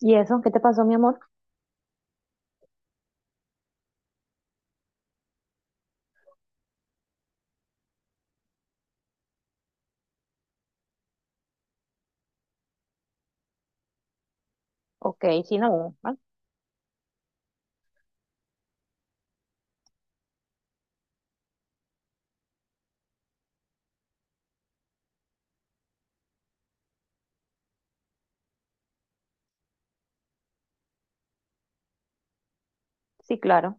¿Y eso? ¿Qué te pasó, mi amor? Ok, sí, no. Sí, claro.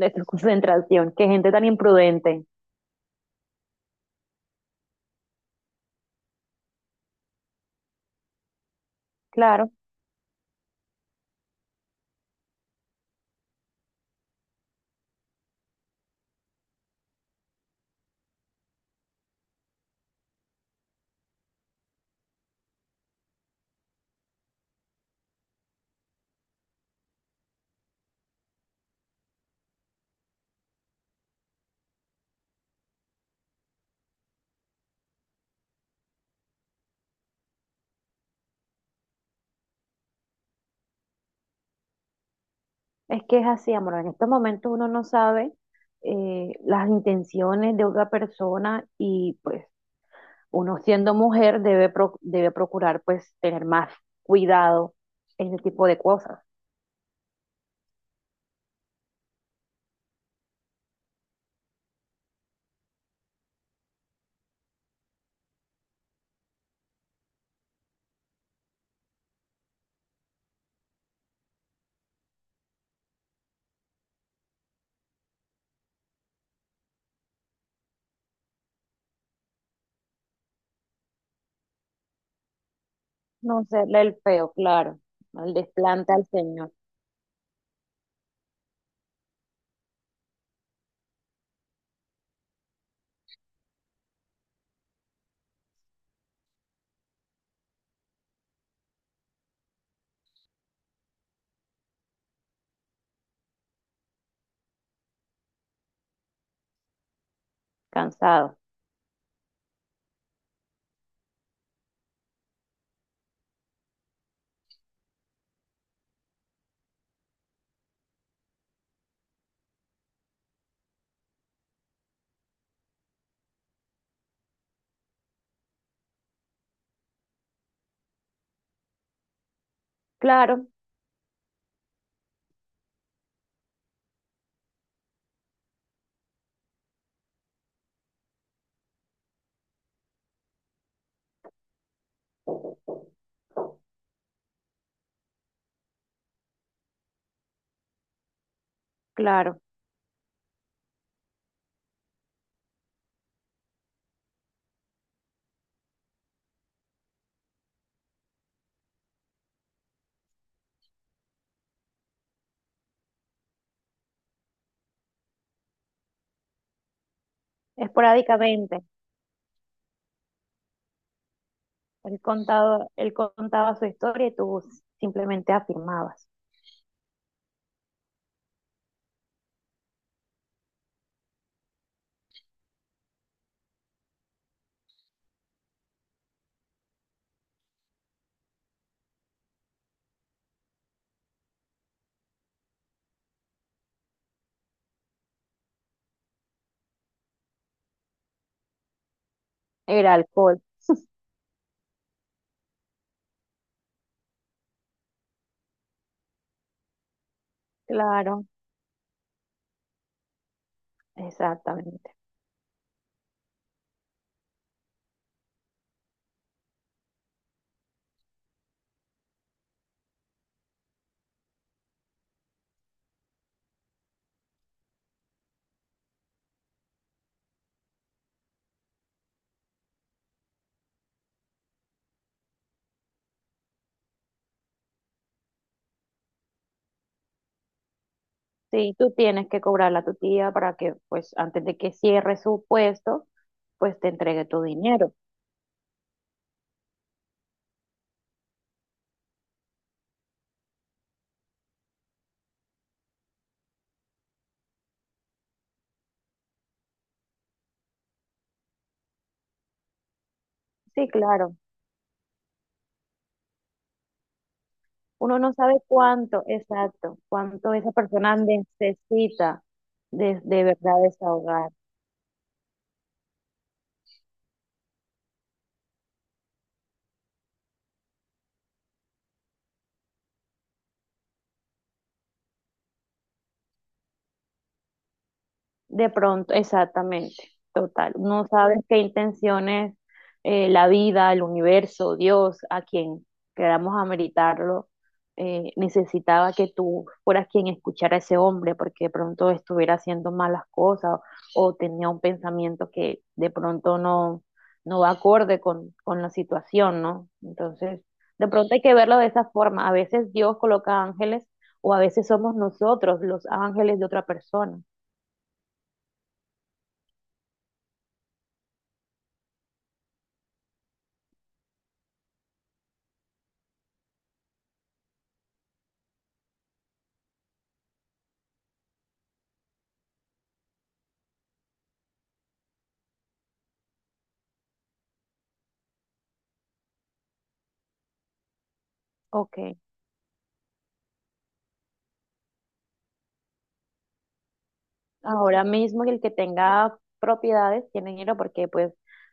De tu concentración. Qué gente tan imprudente. Claro, es que es así, amor. En estos momentos uno no sabe las intenciones de otra persona y pues uno siendo mujer debe, debe procurar pues tener más cuidado en ese tipo de cosas. No serle el feo, claro. Al desplante al señor. Cansado. Claro, claro. Esporádicamente. Él contaba su historia y tú simplemente afirmabas. Era alcohol, claro, exactamente. Sí, tú tienes que cobrarle a tu tía para que, pues, antes de que cierre su puesto, pues te entregue tu dinero. Sí, claro. Uno no sabe cuánto, exacto, cuánto esa persona necesita de verdad desahogar. De pronto, exactamente, total. No sabes qué intenciones la vida, el universo, Dios, a quien queramos ameritarlo, necesitaba que tú fueras quien escuchara a ese hombre, porque de pronto estuviera haciendo malas cosas o, tenía un pensamiento que de pronto no, no va acorde con la situación, ¿no? Entonces, de pronto hay que verlo de esa forma. A veces Dios coloca ángeles o a veces somos nosotros los ángeles de otra persona. Ok. Ahora mismo el que tenga propiedades tiene dinero porque pues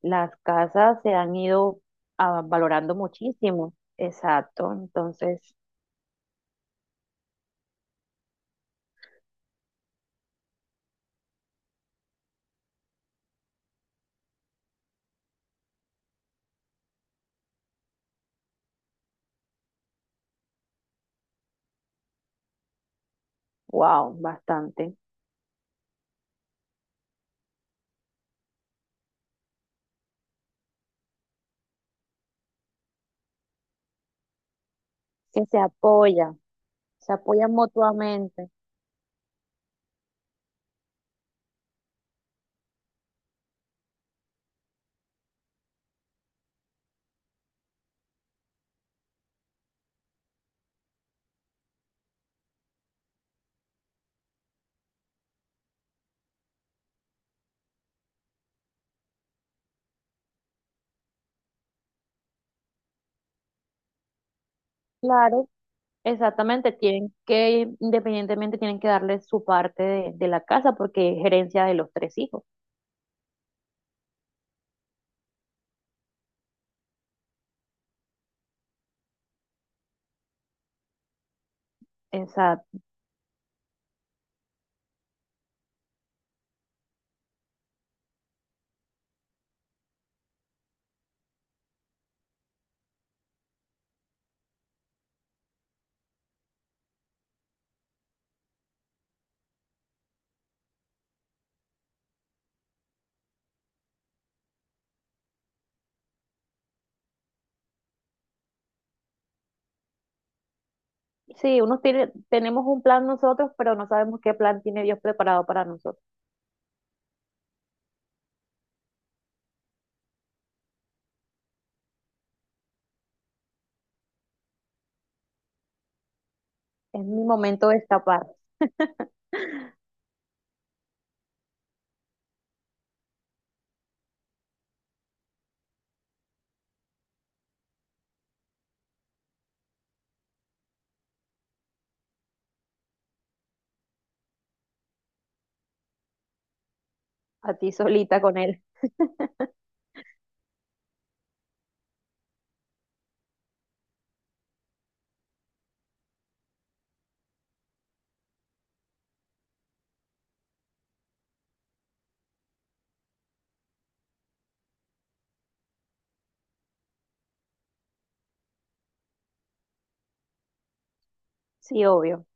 las casas se han ido valorando muchísimo. Exacto, entonces, wow, bastante. Que se apoya, se apoyan mutuamente. Claro, exactamente, tienen que, independientemente, tienen que darle su parte de la casa porque es gerencia de los tres hijos. Exacto. Sí, unos tiene, tenemos un plan nosotros, pero no sabemos qué plan tiene Dios preparado para nosotros. Es mi momento de escapar. A ti solita con él. Sí, obvio,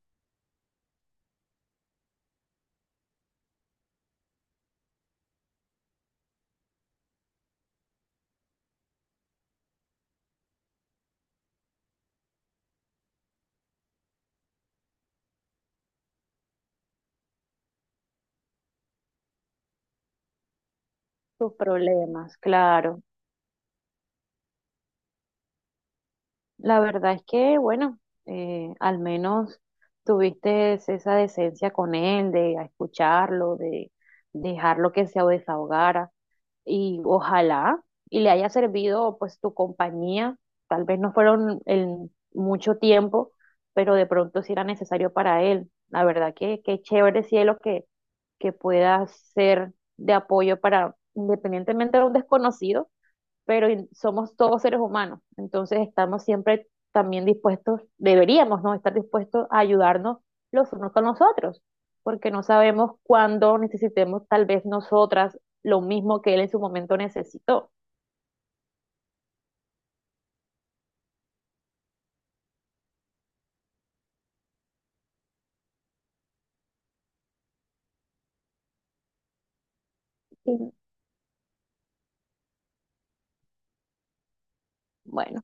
tus problemas, claro. La verdad es que, bueno, al menos tuviste esa decencia con él de escucharlo, de dejarlo que se desahogara. Y ojalá y le haya servido pues tu compañía. Tal vez no fueron el mucho tiempo, pero de pronto sí era necesario para él. La verdad que qué chévere, cielo, que pueda ser de apoyo para, independientemente de un desconocido, pero somos todos seres humanos, entonces estamos siempre también dispuestos, deberíamos, ¿no? Estar dispuestos a ayudarnos los unos con los otros, porque no sabemos cuándo necesitemos tal vez nosotras lo mismo que él en su momento necesitó. Y bueno,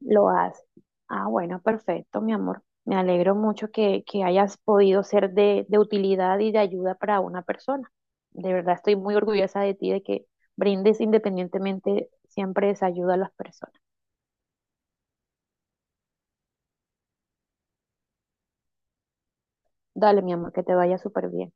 lo hace. Ah, bueno, perfecto, mi amor. Me alegro mucho que hayas podido ser de utilidad y de ayuda para una persona. De verdad estoy muy orgullosa de ti, de que brindes independientemente siempre esa ayuda a las personas. Dale, mi amor, que te vaya súper bien.